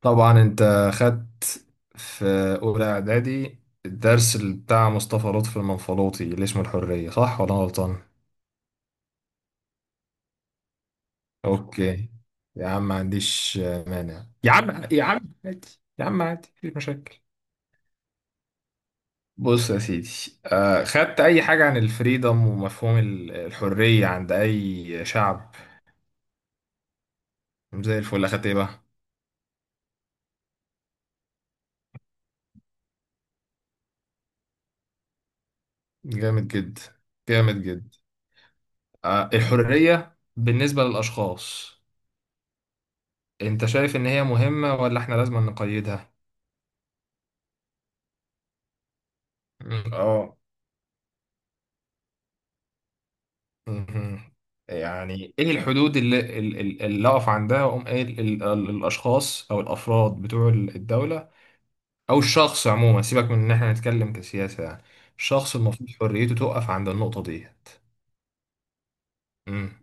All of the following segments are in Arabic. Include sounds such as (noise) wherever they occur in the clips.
طبعا انت خدت في اولى اعدادي الدرس اللي بتاع مصطفى لطفي المنفلوطي اللي اسمه الحريه، صح ولا أنا غلطان؟ اوكي، يا عم ما عنديش مانع، يا عم يا عم عادي، يا عم عادي مفيش مشاكل. بص يا سيدي، خدت اي حاجه عن الفريدم ومفهوم الحريه عند اي شعب؟ زي الفل. اخدت ايه بقى؟ جامد جدا. جامد جدا. الحريه بالنسبه للاشخاص، انت شايف ان هي مهمه ولا احنا لازم نقيدها؟ مم. اه. مم. يعني ايه الحدود اللي اقف عندها واقوم قايل الاشخاص او الافراد بتوع الدوله؟ او الشخص عموما، سيبك من ان احنا نتكلم كسياسه، يعني الشخص المفروض حريته تقف عند النقطه ديت. مم.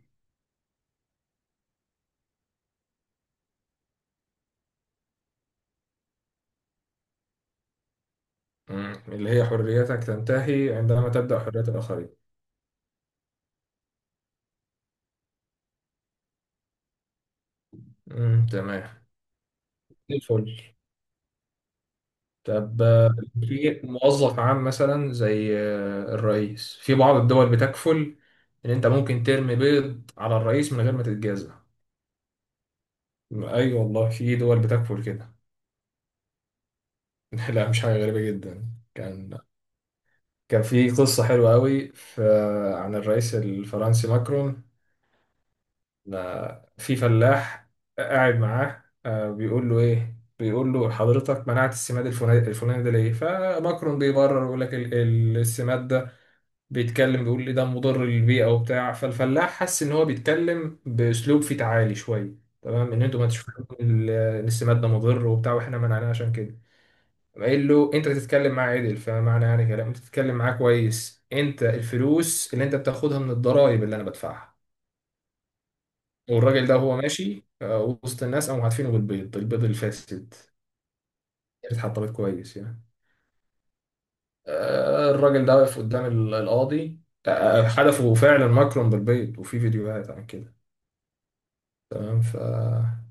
مم. اللي هي حريتك تنتهي عندما تبدأ حرية الآخرين. مم. تمام. الفل. طب في موظف عام مثلا زي الرئيس، في بعض الدول بتكفل ان انت ممكن ترمي بيض على الرئيس من غير ما تتجازى. اي والله، في دول بتكفل كده. (laughs) لا، مش حاجة غريبة جدا. كان كان في قصة حلوة قوي عن الرئيس الفرنسي ماكرون. لا، في فلاح قاعد معاه، بيقول له ايه؟ بيقول له: حضرتك منعت السماد الفلاني الفلاني ده ليه؟ فماكرون بيبرر ويقول لك السماد ده بيقول لي ده مضر للبيئة وبتاع. فالفلاح حس إن هو بيتكلم بأسلوب فيه تعالي شوية، تمام، إن أنتوا ما تشوفوا إن السماد ده مضر وبتاع، وإحنا منعناه عشان كده. قام قايل له: أنت تتكلم معاه عدل، فمعنى يعني كلام أنت تتكلم معاه كويس، أنت الفلوس اللي أنت بتاخدها من الضرايب اللي أنا بدفعها. والراجل ده وهو ماشي وسط الناس، قاموا عارفينه بالبيض، البيض الفاسد اللي اتحطمت كويس يعني. الراجل ده واقف قدام القاضي. حدفوا فعلا ماكرون بالبيض، وفي فيديوهات عن كده. تمام.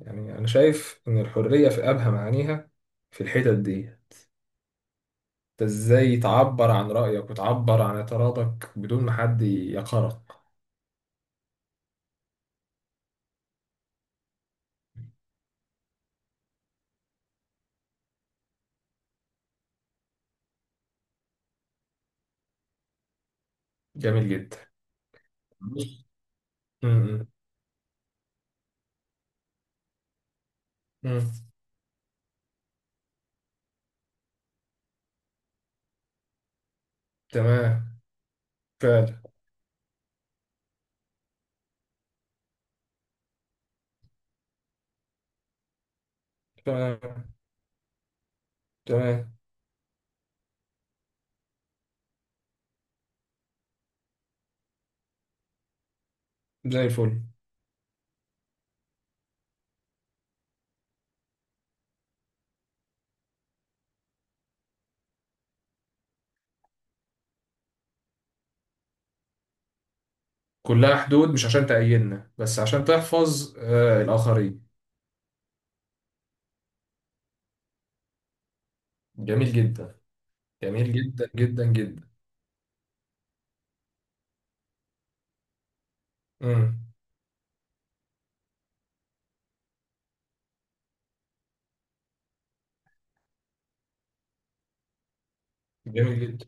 يعني انا شايف ان الحريه في ابهى معانيها في الحتت دي. انت ازاي تعبر عن رايك وتعبر عن اعتراضك بدون ما حد يقهرك؟ جميل جدا. بص. م- م- م. تمام. فعلا. تمام. تمام. زي الفل. كلها حدود مش عشان تأيدنا بس عشان تحفظ الآخرين. جميل جدا. جميل جدا جدا جدا. م. جميل جدا.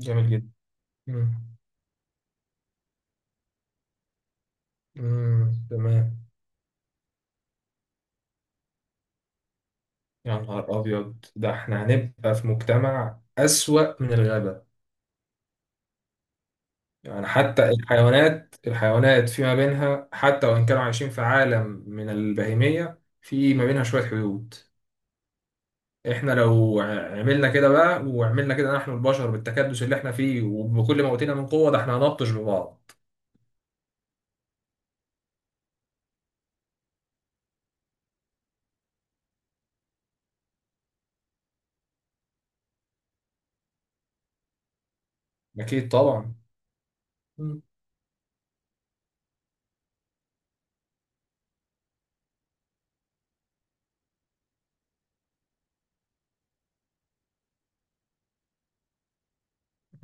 جميل جدا. م. م. تمام. يا نهار أبيض، ده احنا هنبقى في مجتمع أسوأ من الغابة. يعني حتى الحيوانات فيما بينها، حتى وإن كانوا عايشين في عالم من البهيمية، في ما بينها شوية حدود. احنا لو عملنا كده بقى وعملنا كده نحن البشر، بالتكدس اللي احنا فيه وبكل ما أوتينا من قوة، ده احنا هنبطش ببعض. أكيد طبعا. مم.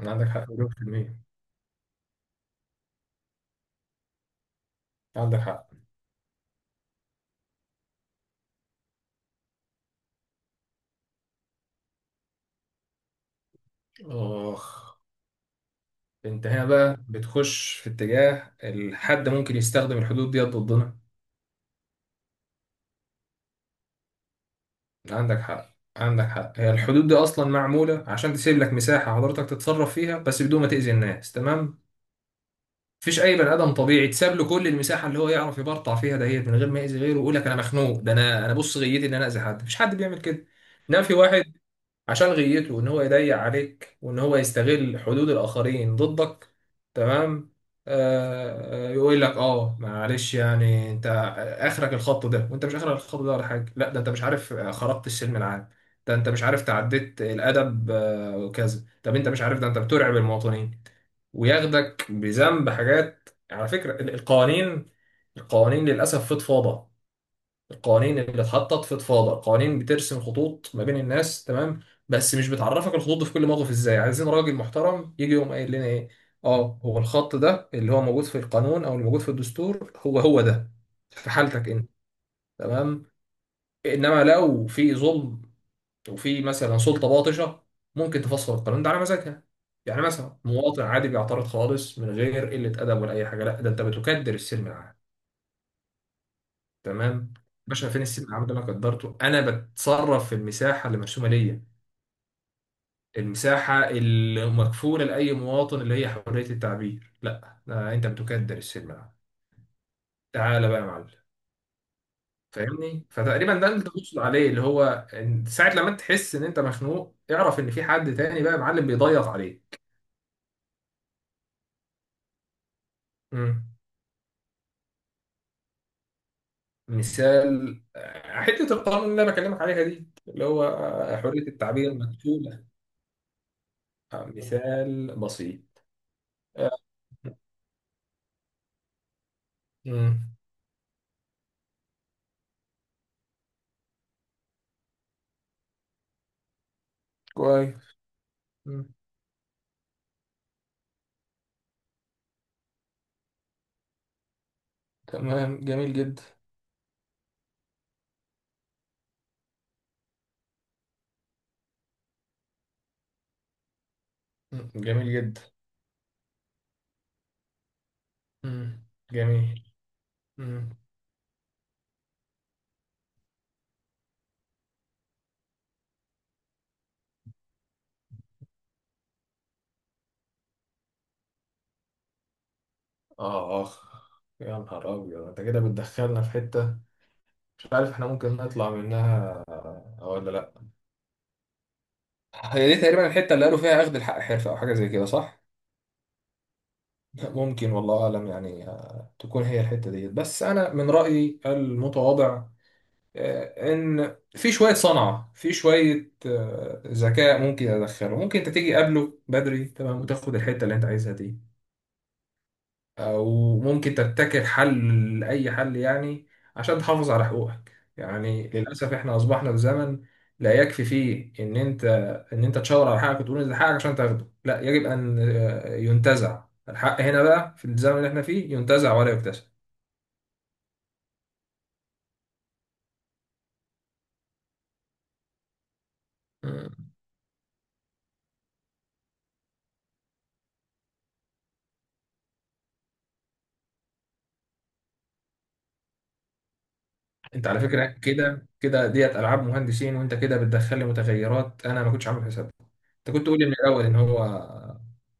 عندك حق مليون في المية. عندك حق. آخ. انت هنا بقى بتخش في اتجاه الحد ممكن يستخدم الحدود دي ضدنا. عندك حق. عندك حق، هي الحدود دي اصلا معموله عشان تسيب لك مساحه حضرتك تتصرف فيها، بس بدون ما تاذي الناس، تمام. مفيش اي بني ادم طبيعي تساب له كل المساحه اللي هو يعرف يبرطع فيها دهيت من غير ما ياذي غيره ويقول لك انا مخنوق. ده انا بص، غيتي ان انا اذي حد؟ مفيش حد بيعمل كده. انما في واحد عشان غيته ان هو يضيق عليك وان هو يستغل حدود الاخرين ضدك، تمام. يقول لك اه، معلش يعني، انت اخرك الخط ده، وانت مش اخرك الخط ده ولا حاجه، لا ده انت مش عارف خرقت السلم العام، ده انت مش عارف تعديت الادب وكذا، طب انت مش عارف ده انت بترعب المواطنين، وياخدك بذنب حاجات. على فكره القوانين للاسف فضفاضه. القوانين اللي اتحطت في تفاضل، قوانين بترسم خطوط ما بين الناس، تمام، بس مش بتعرفك الخطوط دي في كل موقف ازاي. عايزين راجل محترم يجي يقوم قايل لنا ايه: اه، هو الخط ده اللي هو موجود في القانون او اللي موجود في الدستور هو هو ده في حالتك انت. تمام. انما لو في ظلم، وفي مثلا سلطة باطشة، ممكن تفسر القانون ده على مزاجها. يعني مثلا مواطن عادي بيعترض خالص من غير قلة أدب ولا أي حاجة، لا ده أنت بتكدر السلم العام. تمام. باشا، فين السيب العمود اللي انا قدرته؟ انا بتصرف في المساحه اللي مرسومه ليا، المساحه اللي مكفوله لاي مواطن، اللي هي حريه التعبير. لا ده انت بتكدر السلم العمود. تعالى بقى يا معلم. فاهمني. فتقريبا ده اللي تقصد عليه اللي هو إن ساعه لما انت تحس ان انت مخنوق، اعرف ان في حد تاني بقى يا معلم بيضيق عليك. مم. مثال حته القانون اللي انا بكلمك عليها دي اللي هو حريه التعبير مكفوله. مثال بسيط. آه، مم. كويس. مم. تمام. جميل جدا. مم. جميل جدا. مم. جميل. مم. آه آه يا نهار أبيض، أنت كده بتدخلنا في حتة مش عارف إحنا ممكن نطلع منها ولا لأ. هي دي تقريبا الحتة اللي قالوا فيها أخذ الحق حرفة، أو حاجة زي كده، صح؟ ممكن والله أعلم، يعني تكون هي الحتة ديت، بس أنا من رأيي المتواضع إن في شوية صنعة، في شوية ذكاء ممكن أدخله. ممكن أنت تيجي قبله بدري، تمام، وتاخد الحتة اللي أنت عايزها دي. وممكن تبتكر حل لأي حل يعني، عشان تحافظ على حقوقك. يعني للأسف احنا أصبحنا في زمن لا يكفي فيه إن أنت تشاور على حقك وتقول إن ده حقك عشان تاخده، لا يجب أن ينتزع. الحق هنا بقى في الزمن اللي احنا فيه ينتزع، ولا يكتسب. مم. انت على فكرة كده كده ديت ألعاب مهندسين، وانت كده بتدخل لي متغيرات انا ما كنتش عامل حسابها. انت كنت تقولي من الاول ان هو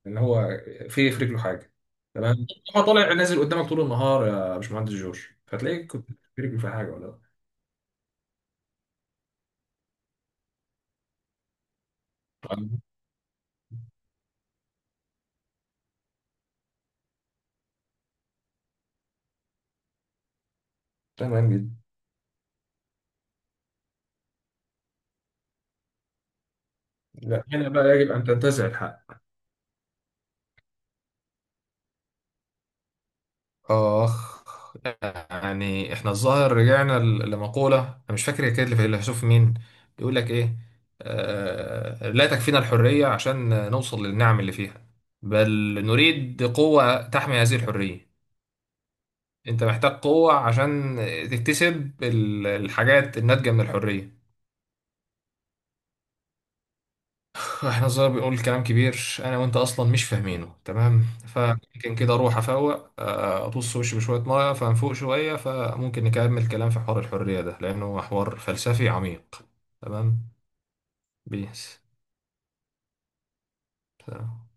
ان هو في رجله حاجه. تمام. هو طالع نازل قدامك طول النهار يا باشمهندس جورج، فتلاقيك كنت في رجله في حاجه ولا لا. تمام. تمام جدا. لا، هنا بقى يجب ان تنتزع الحق. اخ. يعني احنا الظاهر رجعنا لمقولة انا مش فاكر هي كانت لفيلسوف مين، بيقول لك ايه: لا تكفينا الحرية عشان نوصل للنعم اللي فيها، بل نريد قوة تحمي هذه الحرية. انت محتاج قوة عشان تكتسب الحاجات الناتجة من الحرية. احنا صغير بيقول كلام كبير، انا وانت اصلا مش فاهمينه، تمام. فممكن كده اروح افوق، ابص وشي بشوية مية، فنفوق شوية، فممكن نكمل كلام في حوار الحرية ده لانه حوار فلسفي عميق. تمام. بيس. سلام.